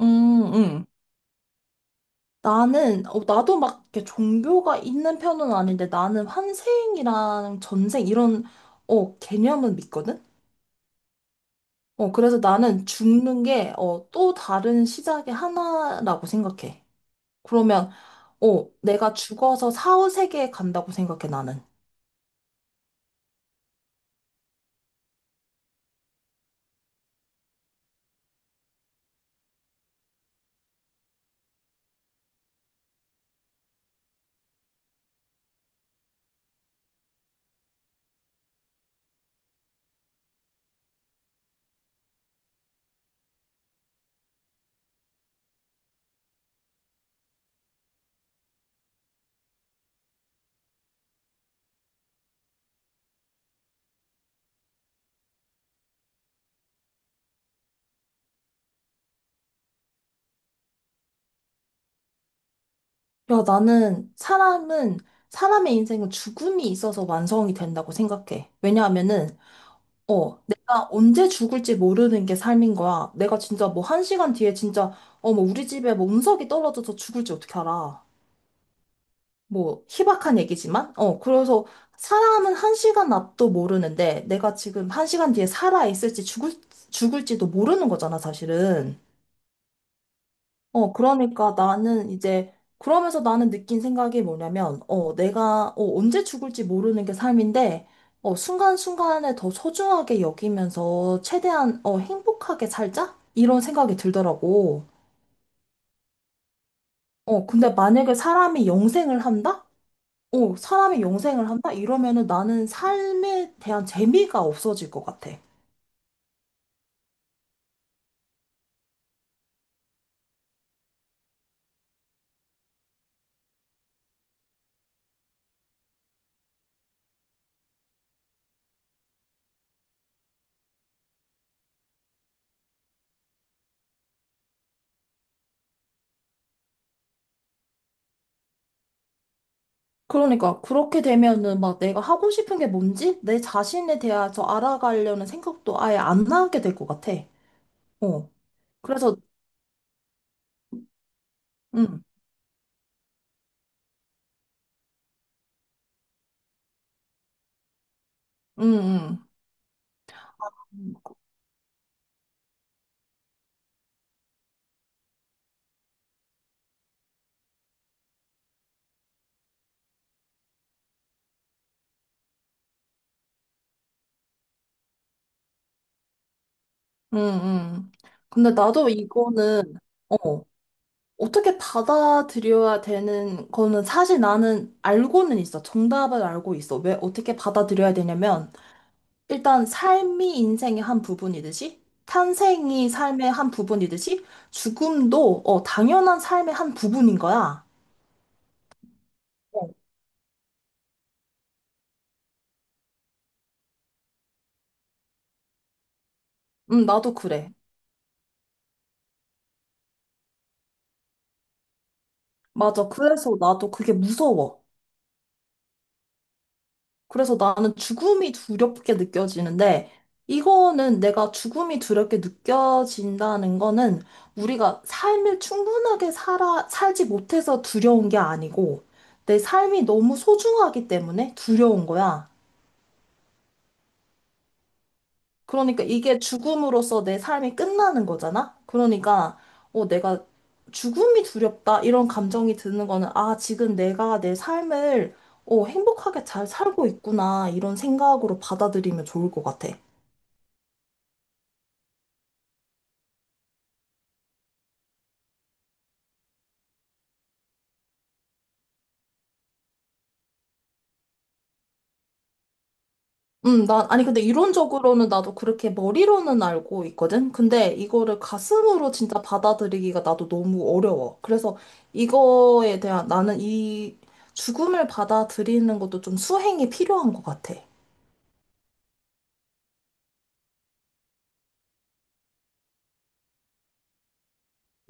음, 음. 나도 막 이렇게 종교가 있는 편은 아닌데 나는 환생이랑 전생 이런, 개념은 믿거든? 그래서 나는 죽는 게, 또 다른 시작의 하나라고 생각해. 그러면, 내가 죽어서 사후세계에 간다고 생각해, 나는. 야, 사람의 인생은 죽음이 있어서 완성이 된다고 생각해. 왜냐하면은, 내가 언제 죽을지 모르는 게 삶인 거야. 내가 진짜 뭐 1시간 뒤에 진짜, 뭐 우리 집에 뭐 운석이 떨어져서 죽을지 어떻게 알아. 뭐 희박한 얘기지만, 그래서 사람은 1시간 앞도 모르는데 내가 지금 1시간 뒤에 살아있을지 죽을지도 모르는 거잖아, 사실은. 그러니까 나는 이제, 그러면서 나는 느낀 생각이 뭐냐면, 내가, 언제 죽을지 모르는 게 삶인데, 순간순간에 더 소중하게 여기면서 최대한, 행복하게 살자? 이런 생각이 들더라고. 근데 만약에 사람이 영생을 한다? 사람이 영생을 한다? 이러면은 나는 삶에 대한 재미가 없어질 것 같아. 그러니까 그렇게 되면은 막 내가 하고 싶은 게 뭔지 내 자신에 대해서 알아가려는 생각도 아예 안 나게 될 것 같아. 어. 그래서. 음, 음, 음, 음, 음. 근데 나도 이거는, 어, 어떻게 받아들여야 되는 거는 사실 나는 알고는 있어. 정답을 알고 있어. 왜 어떻게 받아들여야 되냐면, 일단 삶이 인생의 한 부분이듯이, 탄생이 삶의 한 부분이듯이, 죽음도, 당연한 삶의 한 부분인 거야. 어. 나도 그래. 맞아. 그래서 나도 그게 무서워. 그래서 나는 죽음이 두렵게 느껴지는데, 이거는 내가 죽음이 두렵게 느껴진다는 거는 우리가 삶을 충분하게 살지 못해서 두려운 게 아니고, 내 삶이 너무 소중하기 때문에 두려운 거야. 그러니까 이게 죽음으로써 내 삶이 끝나는 거잖아? 그러니까, 내가 죽음이 두렵다, 이런 감정이 드는 거는, 아, 지금 내가 내 삶을 행복하게 잘 살고 있구나, 이런 생각으로 받아들이면 좋을 것 같아. 아니, 근데 이론적으로는 나도 그렇게 머리로는 알고 있거든? 근데 이거를 가슴으로 진짜 받아들이기가 나도 너무 어려워. 그래서 이거에 대한 나는 이 죽음을 받아들이는 것도 좀 수행이 필요한 것 같아.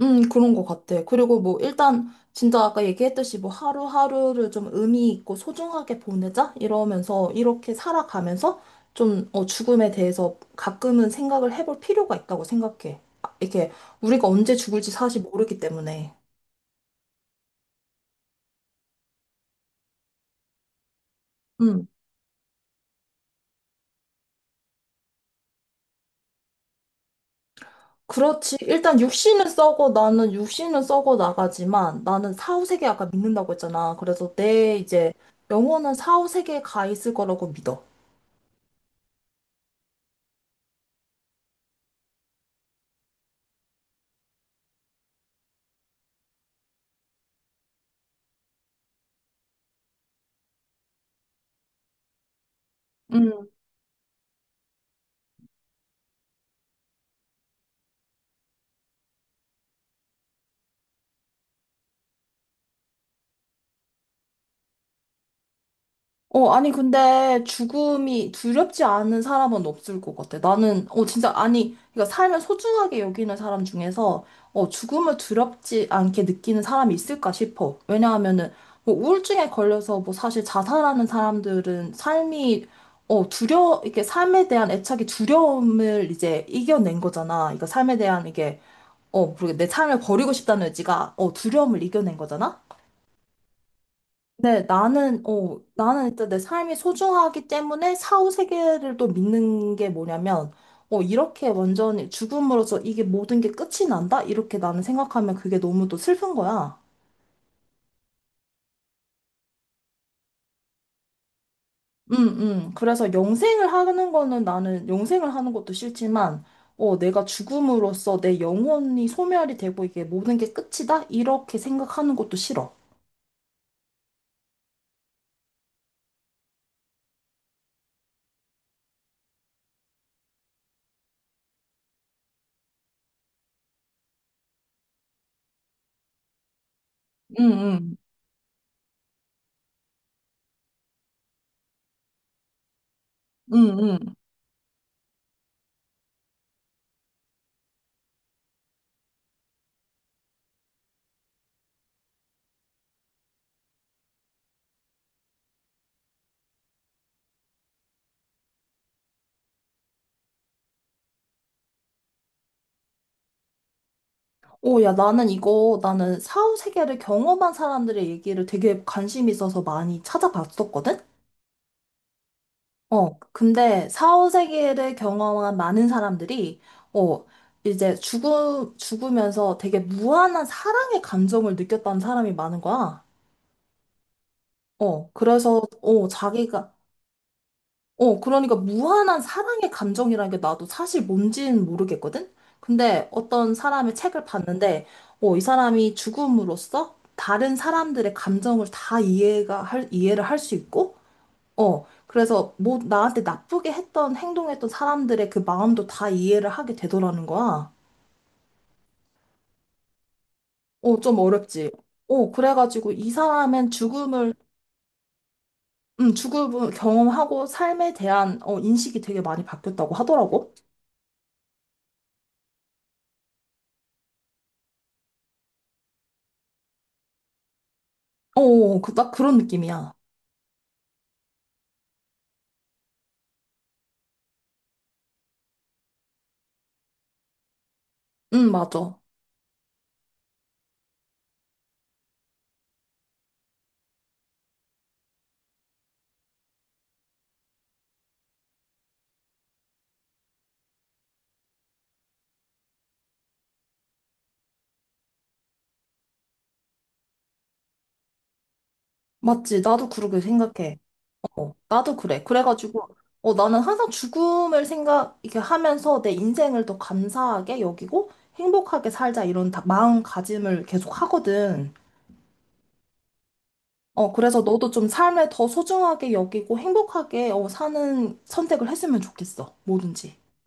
그런 것 같아. 그리고 뭐, 일단, 진짜 아까 얘기했듯이 뭐, 하루하루를 좀 의미 있고 소중하게 보내자? 이러면서, 이렇게 살아가면서, 좀, 죽음에 대해서 가끔은 생각을 해볼 필요가 있다고 생각해. 아, 이게, 우리가 언제 죽을지 사실 모르기 때문에. 음, 그렇지. 일단, 나는 육신은 썩어 나가지만, 나는 사후세계 아까 믿는다고 했잖아. 그래서 내, 이제, 영혼은 사후세계에 가 있을 거라고 믿어. 아니, 근데 죽음이 두렵지 않은 사람은 없을 것 같아. 나는, 진짜, 아니, 그러니까 삶을 소중하게 여기는 사람 중에서, 죽음을 두렵지 않게 느끼는 사람이 있을까 싶어. 왜냐하면은, 뭐, 우울증에 걸려서, 뭐, 사실 자살하는 사람들은 삶이, 이렇게 삶에 대한 애착이 두려움을 이제 이겨낸 거잖아. 그러니까 삶에 대한 이게, 모르겠내 삶을 버리고 싶다는 의지가, 두려움을 이겨낸 거잖아. 네, 나는 일단 내 삶이 소중하기 때문에 사후 세계를 또 믿는 게 뭐냐면, 이렇게 완전히 죽음으로써 이게 모든 게 끝이 난다? 이렇게 나는 생각하면 그게 너무 또 슬픈 거야. 응응. 그래서 영생을 하는 거는 나는 영생을 하는 것도 싫지만, 내가 죽음으로써 내 영혼이 소멸이 되고 이게 모든 게 끝이다? 이렇게 생각하는 것도 싫어. 응, 응, 응, 응. 오, 야, 나는 사후 세계를 경험한 사람들의 얘기를 되게 관심 있어서 많이 찾아봤었거든? 근데 사후 세계를 경험한 많은 사람들이, 어, 이제 죽으면서 되게 무한한 사랑의 감정을 느꼈다는 사람이 많은 거야. 어, 그래서, 어, 자기가, 어, 그러니까 무한한 사랑의 감정이라는 게 나도 사실 뭔지는 모르겠거든? 근데 어떤 사람의 책을 봤는데, 이 사람이 죽음으로써 다른 사람들의 감정을 다 이해를 할 수 있고, 그래서 뭐 나한테 행동했던 사람들의 그 마음도 다 이해를 하게 되더라는 거야. 좀 어렵지. 그래가지고 이 사람은 죽음을 경험하고 삶에 대한, 인식이 되게 많이 바뀌었다고 하더라고. 딱 그런 느낌이야. 응, 맞아. 맞지. 나도 그렇게 생각해. 나도 그래. 그래가지고, 나는 항상 죽음을 생각, 이렇게 하면서 내 인생을 더 감사하게 여기고 행복하게 살자 이런 마음가짐을 계속 하거든. 그래서 너도 좀 삶을 더 소중하게 여기고 행복하게, 사는 선택을 했으면 좋겠어. 뭐든지. 응.